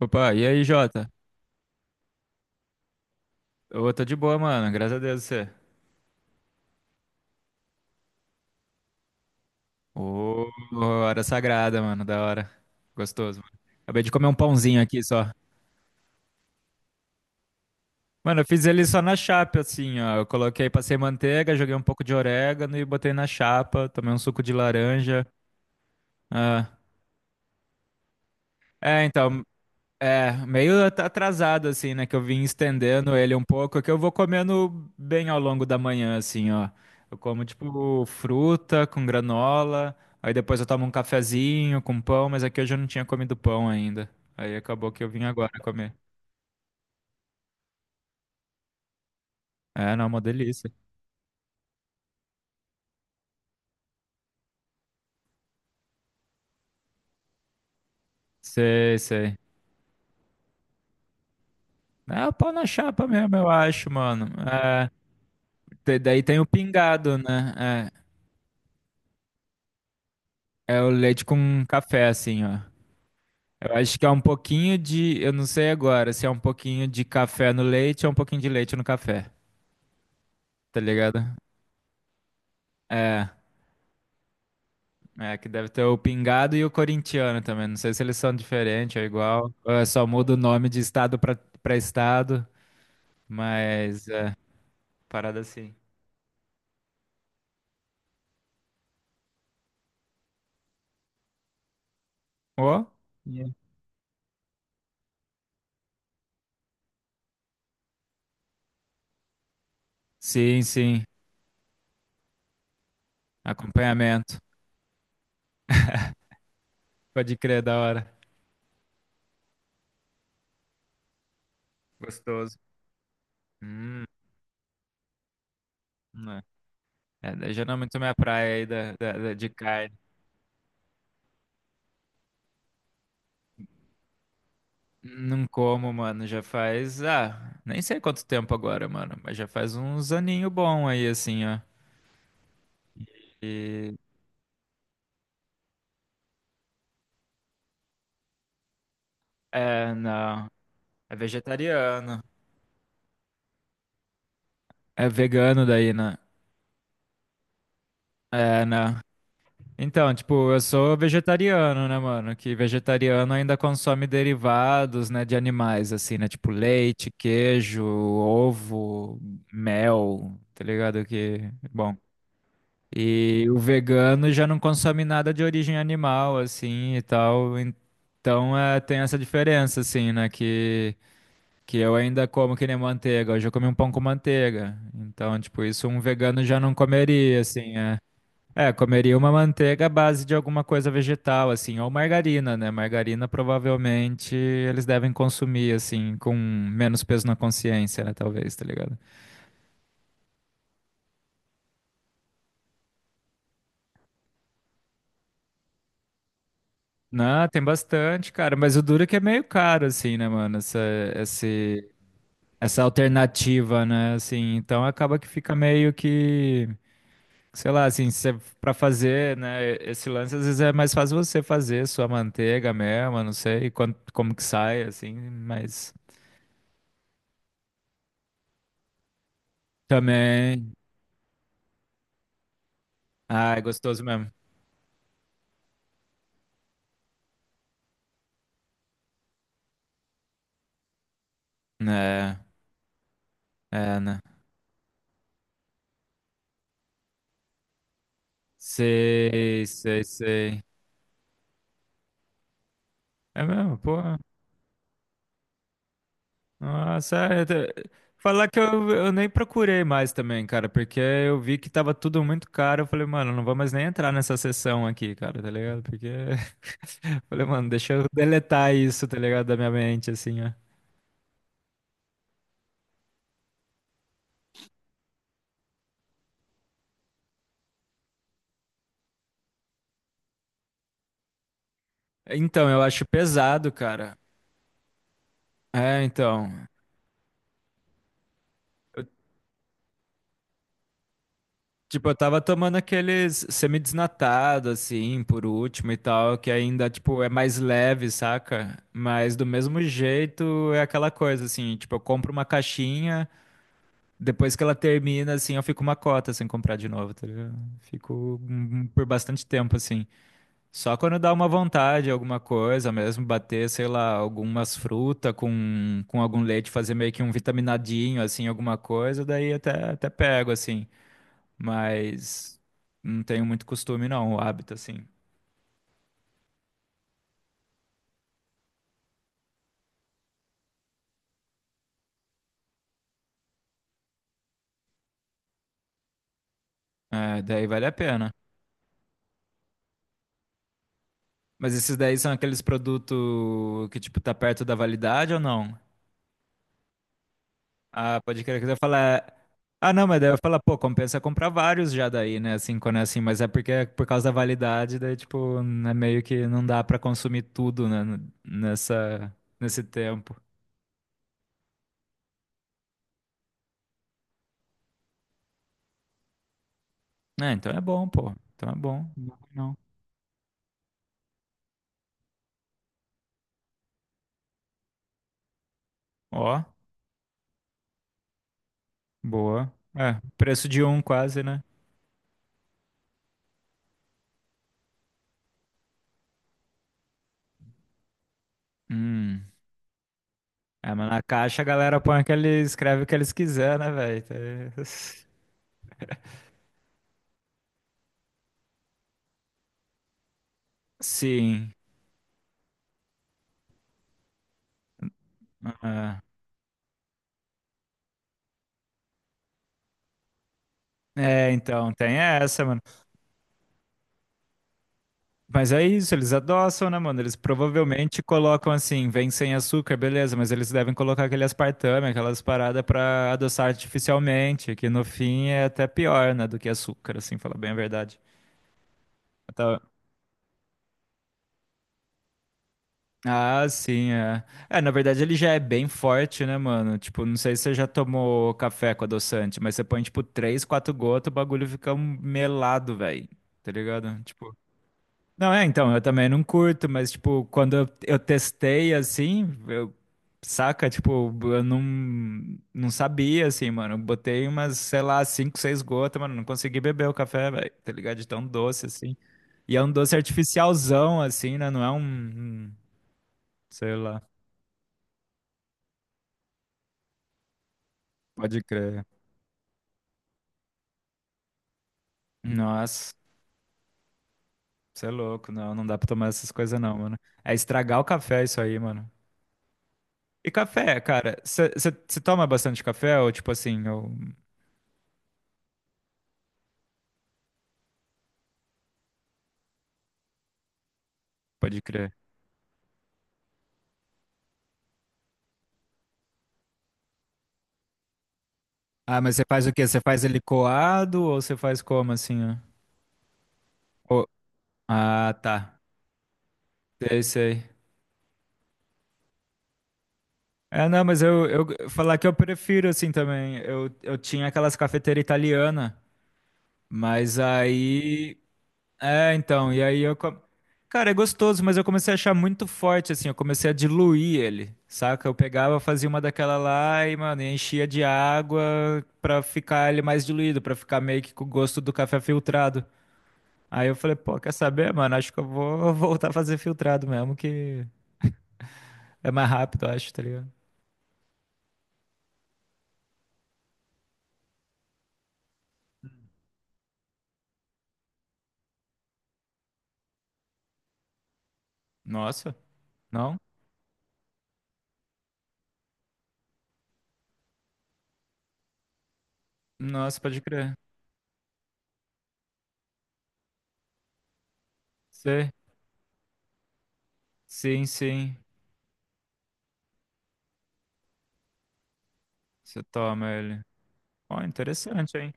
Opa, e aí, Jota? Ô, tô de boa, mano. Graças a Deus, você. Ô, hora sagrada, mano. Da hora. Gostoso, mano. Acabei de comer um pãozinho aqui só. Mano, eu fiz ele só na chapa, assim, ó. Eu coloquei, passei manteiga, joguei um pouco de orégano e botei na chapa. Tomei um suco de laranja. Ah. É, então. É, meio atrasado, assim, né? Que eu vim estendendo ele um pouco, é que eu vou comendo bem ao longo da manhã, assim, ó. Eu como, tipo, fruta com granola, aí depois eu tomo um cafezinho com pão, mas aqui eu já não tinha comido pão ainda. Aí acabou que eu vim agora comer. É, não, uma delícia. Sei, sei. É o pão na chapa mesmo, eu acho, mano. É, daí tem o pingado, né? É, é o leite com café, assim, ó. Eu acho que é um pouquinho de, eu não sei agora, se é um pouquinho de café no leite ou um pouquinho de leite no café, tá ligado? É, é que deve ter o pingado e o corintiano também. Não sei se eles são diferentes ou igual. Ou é só muda o nome de estado pra para estado, mas é parada assim. Ó. Yeah. Sim, sim. Acompanhamento. Pode crer, da hora. Gostoso. Hum, né. É, daí já não é muito minha praia aí de carne. Não como, mano, já faz, ah, nem sei quanto tempo agora, mano, mas já faz uns aninho bom aí, assim, ó. E, é, não, é vegetariano, é vegano daí, né? É, não. Então, tipo, eu sou vegetariano, né, mano, que vegetariano ainda consome derivados, né, de animais, assim, né, tipo leite, queijo, ovo, mel, tá ligado que, bom... E o vegano já não consome nada de origem animal, assim, e tal. Então é, tem essa diferença, assim, né? Que eu ainda como que nem manteiga. Hoje eu comi um pão com manteiga. Então, tipo, isso um vegano já não comeria, assim, é. É, comeria uma manteiga à base de alguma coisa vegetal, assim, ou margarina, né? Margarina provavelmente eles devem consumir, assim, com menos peso na consciência, né? Talvez, tá ligado? Não, tem bastante, cara, mas o duro é que é meio caro, assim, né, mano? Esse, essa alternativa, né? Assim, então acaba que fica meio que, sei lá, assim, cê, pra fazer, né? Esse lance às vezes é mais fácil você fazer sua manteiga mesmo, não sei quanto, como que sai, assim, mas também. Ah, é gostoso mesmo. É, é, né? Sei, sei, sei. É mesmo, pô. Nossa, é, tá- falar que eu nem procurei mais também, cara, porque eu vi que tava tudo muito caro. Eu falei, mano, não vou mais nem entrar nessa sessão aqui, cara, tá ligado? Porque. Falei, mano, deixa eu deletar isso, tá ligado? Da minha mente, assim, ó. Então, eu acho pesado, cara. É, então. Eu- tipo, eu tava tomando aqueles semidesnatado, assim, por último e tal, que ainda, tipo, é mais leve, saca? Mas do mesmo jeito é aquela coisa, assim, tipo, eu compro uma caixinha. Depois que ela termina, assim, eu fico uma cota sem comprar de novo, tá ligado? Fico por bastante tempo, assim. Só quando dá uma vontade, alguma coisa mesmo, bater, sei lá, algumas frutas com algum leite, fazer meio que um vitaminadinho, assim, alguma coisa, daí até, até pego, assim. Mas não tenho muito costume, não, o hábito, assim. É, daí vale a pena. Mas esses daí são aqueles produtos que, tipo, tá perto da validade ou não? Ah, pode querer que eu falar. Ah, não, mas daí eu falar, pô, compensa comprar vários já daí, né? Assim, quando é assim, mas é porque é por causa da validade, daí, tipo, é meio que não dá pra consumir tudo, né? Nessa, nesse tempo. É, então é bom, pô. Então é bom. Não, é ruim, não. Ó, boa. É, preço de um quase, né? Hum. É, mas na caixa a galera põe aquele, escreve o que eles quiser, né, velho? Tá- Sim. Ah. É, então, tem essa, mano. Mas é isso, eles adoçam, né, mano? Eles provavelmente colocam assim, vem sem açúcar, beleza, mas eles devem colocar aquele aspartame, aquelas paradas pra adoçar artificialmente, que no fim é até pior, né, do que açúcar, assim, falar bem a verdade. Então, ah, sim, é. É, na verdade ele já é bem forte, né, mano? Tipo, não sei se você já tomou café com adoçante, mas você põe, tipo, três, quatro gotas, o bagulho fica um melado, velho. Tá ligado? Tipo. Não, é, então, eu também não curto, mas, tipo, quando eu testei, assim, eu, saca, tipo, eu não, não sabia, assim, mano, eu botei umas, sei lá, cinco, seis gotas, mano, não consegui beber o café, velho, tá ligado? De tão doce, assim, e é um doce artificialzão, assim, né, não é um, sei lá. Pode crer. Nossa, você é louco, não, não dá pra tomar essas coisas não, mano, é estragar o café isso aí, mano. E café, cara, você toma bastante café ou, tipo assim, ou pode crer? Ah, mas você faz o quê? Você faz ele coado ou você faz como assim? Ó? Ou- ah, tá. Sei, sei. É, não, mas eu falar que eu prefiro assim também. Eu tinha aquelas cafeteiras italianas, mas aí. É, então, e aí eu. Co- cara, é gostoso, mas eu comecei a achar muito forte, assim. Eu comecei a diluir ele, saca? Eu pegava, fazia uma daquela lá e, mano, enchia de água pra ficar ele mais diluído, pra ficar meio que com o gosto do café filtrado. Aí eu falei, pô, quer saber, mano? Acho que eu vou voltar a fazer filtrado mesmo, que é mais rápido, acho, tá ligado? Nossa, não? Nossa, pode crer. Sei. Sim, sim. Você toma ele. Ó, interessante, hein?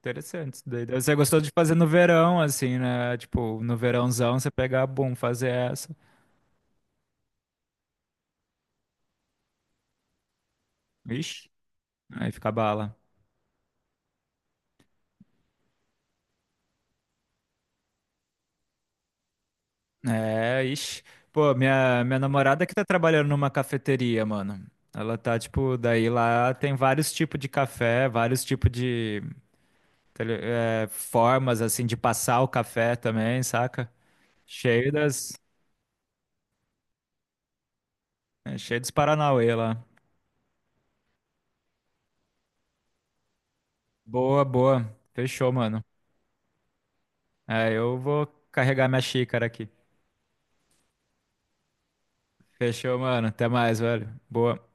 Interessante isso daí. Daí você gostou de fazer no verão, assim, né? Tipo, no verãozão, você pegar, bum, fazer essa. Vixe, aí fica bala. É, ixi. Pô, minha namorada que tá trabalhando numa cafeteria, mano. Ela tá, tipo, daí lá tem vários tipos de café, vários tipos de formas, assim, de passar o café também, saca? Cheio das, cheio dos Paranauê lá. Boa, boa. Fechou, mano. É, eu vou carregar minha xícara aqui. Fechou, mano. Até mais, velho. Boa.